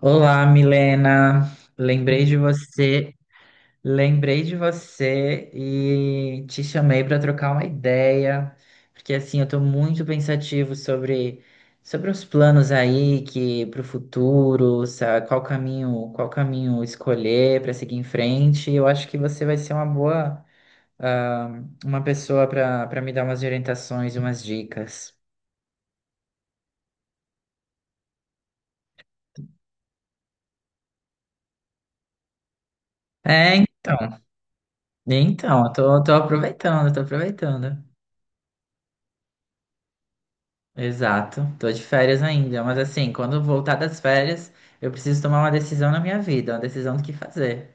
Olá, Milena. Lembrei de você, lembrei de você e te chamei para trocar uma ideia, porque assim, eu estou muito pensativo sobre os planos aí que para o futuro, sabe, qual caminho escolher para seguir em frente. Eu acho que você vai ser uma boa, ah, uma pessoa para me dar umas orientações e umas dicas. É, então, eu tô aproveitando, tô aproveitando. Exato, tô de férias ainda, mas assim, quando eu voltar das férias, eu preciso tomar uma decisão na minha vida, uma decisão do que fazer.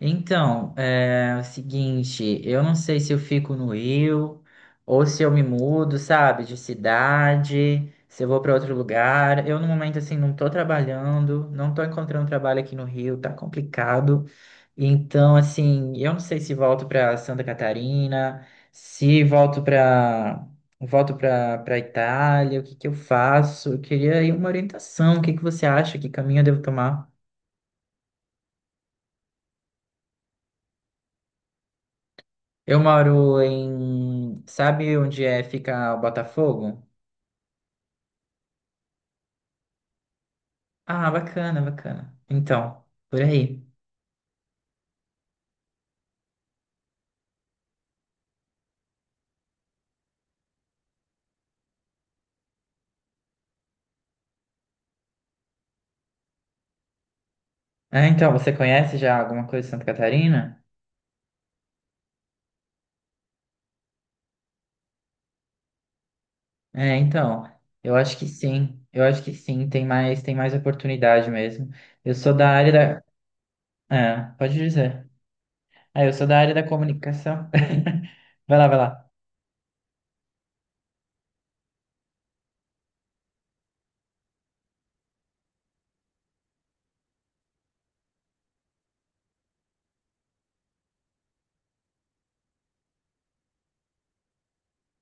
Então, é o seguinte, eu não sei se eu fico no Rio ou se eu me mudo, sabe, de cidade, se eu vou para outro lugar. Eu, no momento, assim, não tô trabalhando, não tô encontrando trabalho aqui no Rio, tá complicado. Então, assim, eu não sei se volto para Santa Catarina, se volto para Itália, o que que eu faço? Eu queria aí uma orientação, o que que você acha, que caminho eu devo tomar? Eu moro em. Sabe onde é fica o Botafogo? Ah, bacana, bacana. Então, por aí. Ah, então, você conhece já alguma coisa de Santa Catarina? É, então, eu acho que sim. Eu acho que sim, tem mais oportunidade mesmo. Eu sou da área da. É, pode dizer. É, eu sou da área da comunicação. Vai lá, vai lá.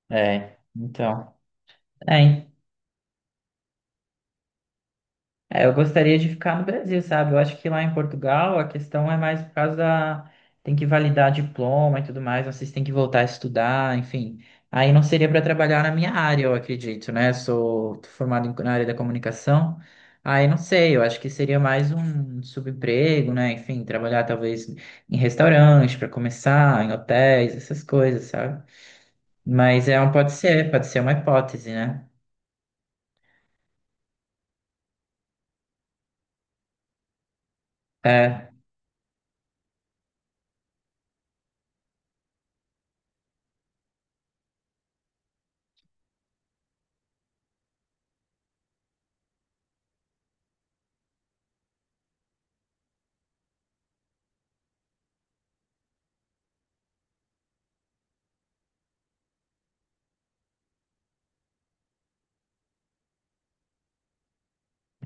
É, então. É, É, eu gostaria de ficar no Brasil, sabe? Eu acho que lá em Portugal a questão é mais por causa da... Tem que validar diploma e tudo mais, vocês têm que voltar a estudar, enfim. Aí não seria para trabalhar na minha área, eu acredito, né? Sou formado na área da comunicação. Aí não sei, eu acho que seria mais um subemprego, né? Enfim, trabalhar talvez em restaurantes para começar, em hotéis, essas coisas, sabe? Mas é, pode ser uma hipótese, né? É,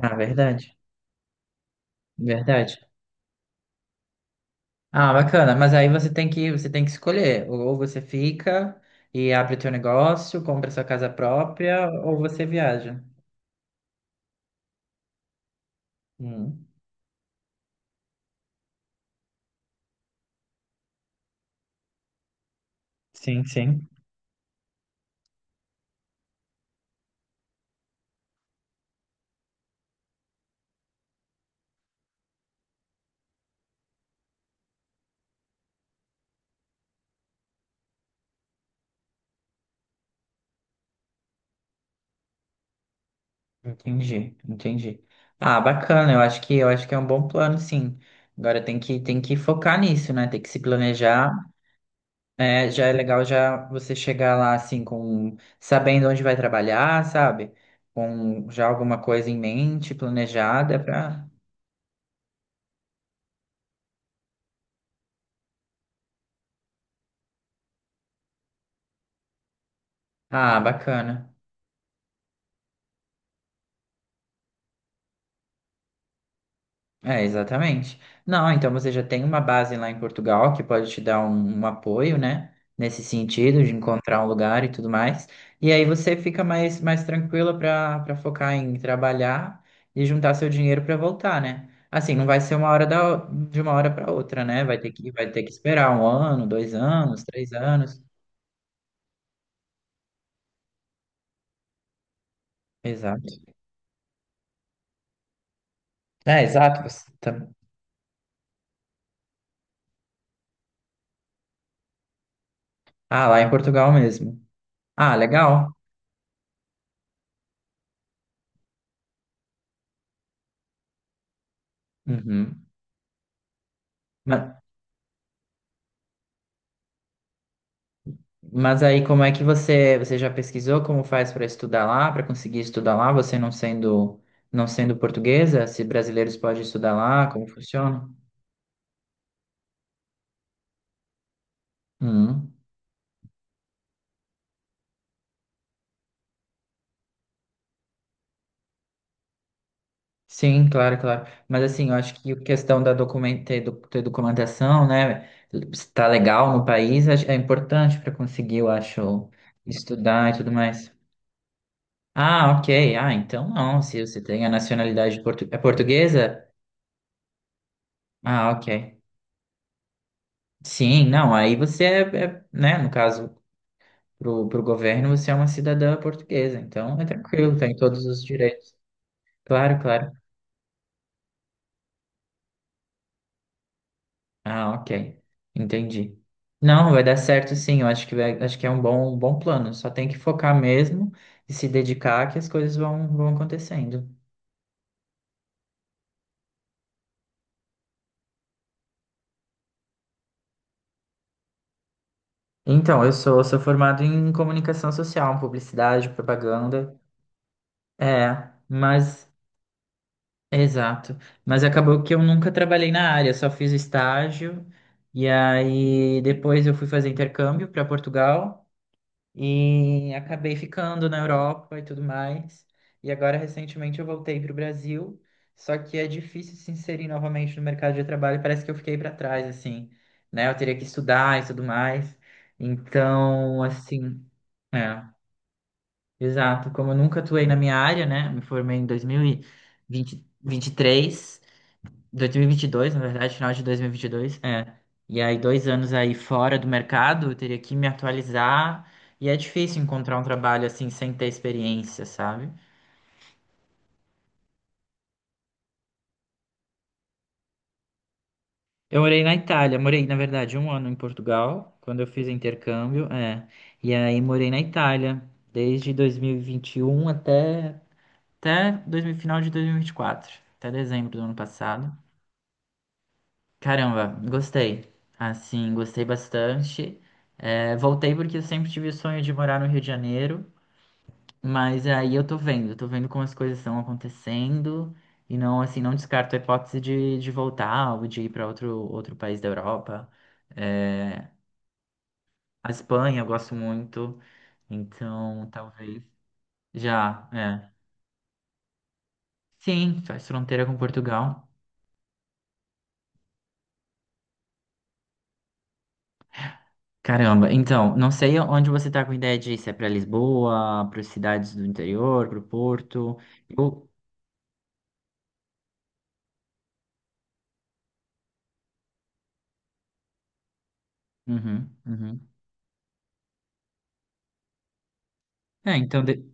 verdade, verdade. Ah, bacana. Mas aí você tem que escolher. Ou você fica e abre o teu negócio, compra sua casa própria, ou você viaja. Hum, sim, sim. Entendi, entendi. Ah, bacana. Eu acho que é um bom plano, sim. Agora tem que focar nisso, né? Tem que se planejar. É, já é legal já você chegar lá assim com sabendo onde vai trabalhar, sabe? Com já alguma coisa em mente, planejada para. Ah, bacana. É, exatamente. Não, então você já tem uma base lá em Portugal que pode te dar um apoio, né? Nesse sentido, de encontrar um lugar e tudo mais. E aí você fica mais tranquila para focar em trabalhar e juntar seu dinheiro para voltar, né? Assim, não vai ser de uma hora para outra, né? Vai ter que esperar um ano, dois anos, três anos. Exato. É, exato. Você tá- Ah, lá em Portugal mesmo. Ah, legal. Uhum. Mas aí, como é que você já pesquisou como faz para estudar lá, para conseguir estudar lá, você não sendo, não sendo portuguesa, se brasileiros podem estudar lá, como funciona? Hum. Sim, claro, claro. Mas assim, eu acho que a questão da ter documentação, né, estar legal no país é importante para conseguir, eu acho, estudar e tudo mais. Ah, ok. Ah, então não, se você tem a nacionalidade é portuguesa? Ah, ok. Sim, não, aí você é, né, no caso para o governo, você é uma cidadã portuguesa, então é tranquilo, tem todos os direitos. Claro, claro. Ah, ok. Entendi. Não, vai dar certo sim, eu acho que acho que é um bom plano. Só tem que focar mesmo e se dedicar que as coisas vão acontecendo. Então, eu sou formado em comunicação social, publicidade, propaganda. É, mas exato. Mas acabou que eu nunca trabalhei na área, só fiz estágio. E aí depois eu fui fazer intercâmbio para Portugal. E acabei ficando na Europa e tudo mais. E agora, recentemente, eu voltei para o Brasil. Só que é difícil se inserir novamente no mercado de trabalho. Parece que eu fiquei para trás, assim, né? Eu teria que estudar e tudo mais. Então, assim, é, exato. Como eu nunca atuei na minha área, né? Me formei em dois mil e vinte e três 2022, na verdade, final de 2022. É. E aí, dois anos aí fora do mercado, eu teria que me atualizar. E é difícil encontrar um trabalho assim sem ter experiência, sabe? Eu morei na Itália, morei, na verdade, um ano em Portugal, quando eu fiz intercâmbio, é. E aí morei na Itália, desde 2021 até, até 2000, final de 2024, até dezembro do ano passado. Caramba, gostei. Assim, gostei bastante. É, voltei porque eu sempre tive o sonho de morar no Rio de Janeiro, mas aí eu tô vendo como as coisas estão acontecendo e não, assim, não descarto a hipótese de voltar ou de ir para outro país da Europa. É, a Espanha eu gosto muito, então talvez já, é. Sim, faz fronteira com Portugal. Caramba, então, não sei onde você tá com ideia de ir, se é pra Lisboa, para cidades do interior, pro Porto. Eu... Uhum, uhum. É, então.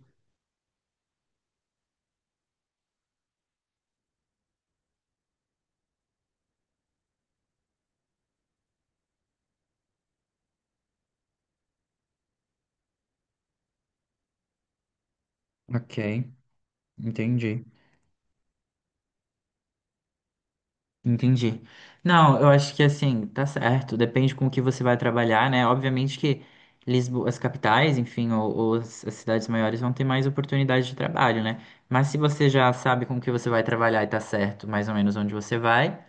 Ok, entendi. Entendi. Não, eu acho que assim, tá certo, depende com o que você vai trabalhar, né? Obviamente que Lisboa, as capitais, enfim, ou as cidades maiores vão ter mais oportunidade de trabalho, né? Mas se você já sabe com o que você vai trabalhar e tá certo mais ou menos onde você vai.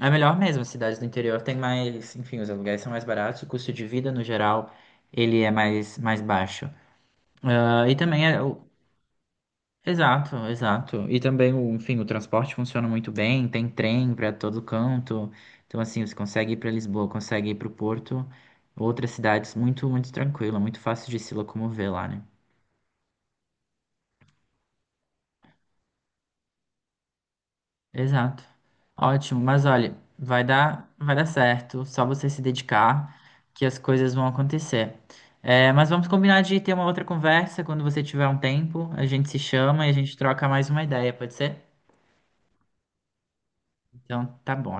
É melhor mesmo, as cidades do interior têm mais, enfim, os aluguéis são mais baratos, o custo de vida no geral ele é mais baixo. Ah, e também é o... Exato, exato. E também, o, enfim, o transporte funciona muito bem, tem trem para todo canto. Então, assim, você consegue ir para Lisboa, consegue ir para o Porto, outras cidades muito, muito tranquila, muito fácil de se locomover lá, né? Exato. Ótimo, mas olha, vai dar certo, só você se dedicar que as coisas vão acontecer. É, mas vamos combinar de ter uma outra conversa quando você tiver um tempo, a gente se chama e a gente troca mais uma ideia, pode ser? Então, tá bom.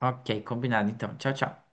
Ok, combinado então. Tchau, tchau.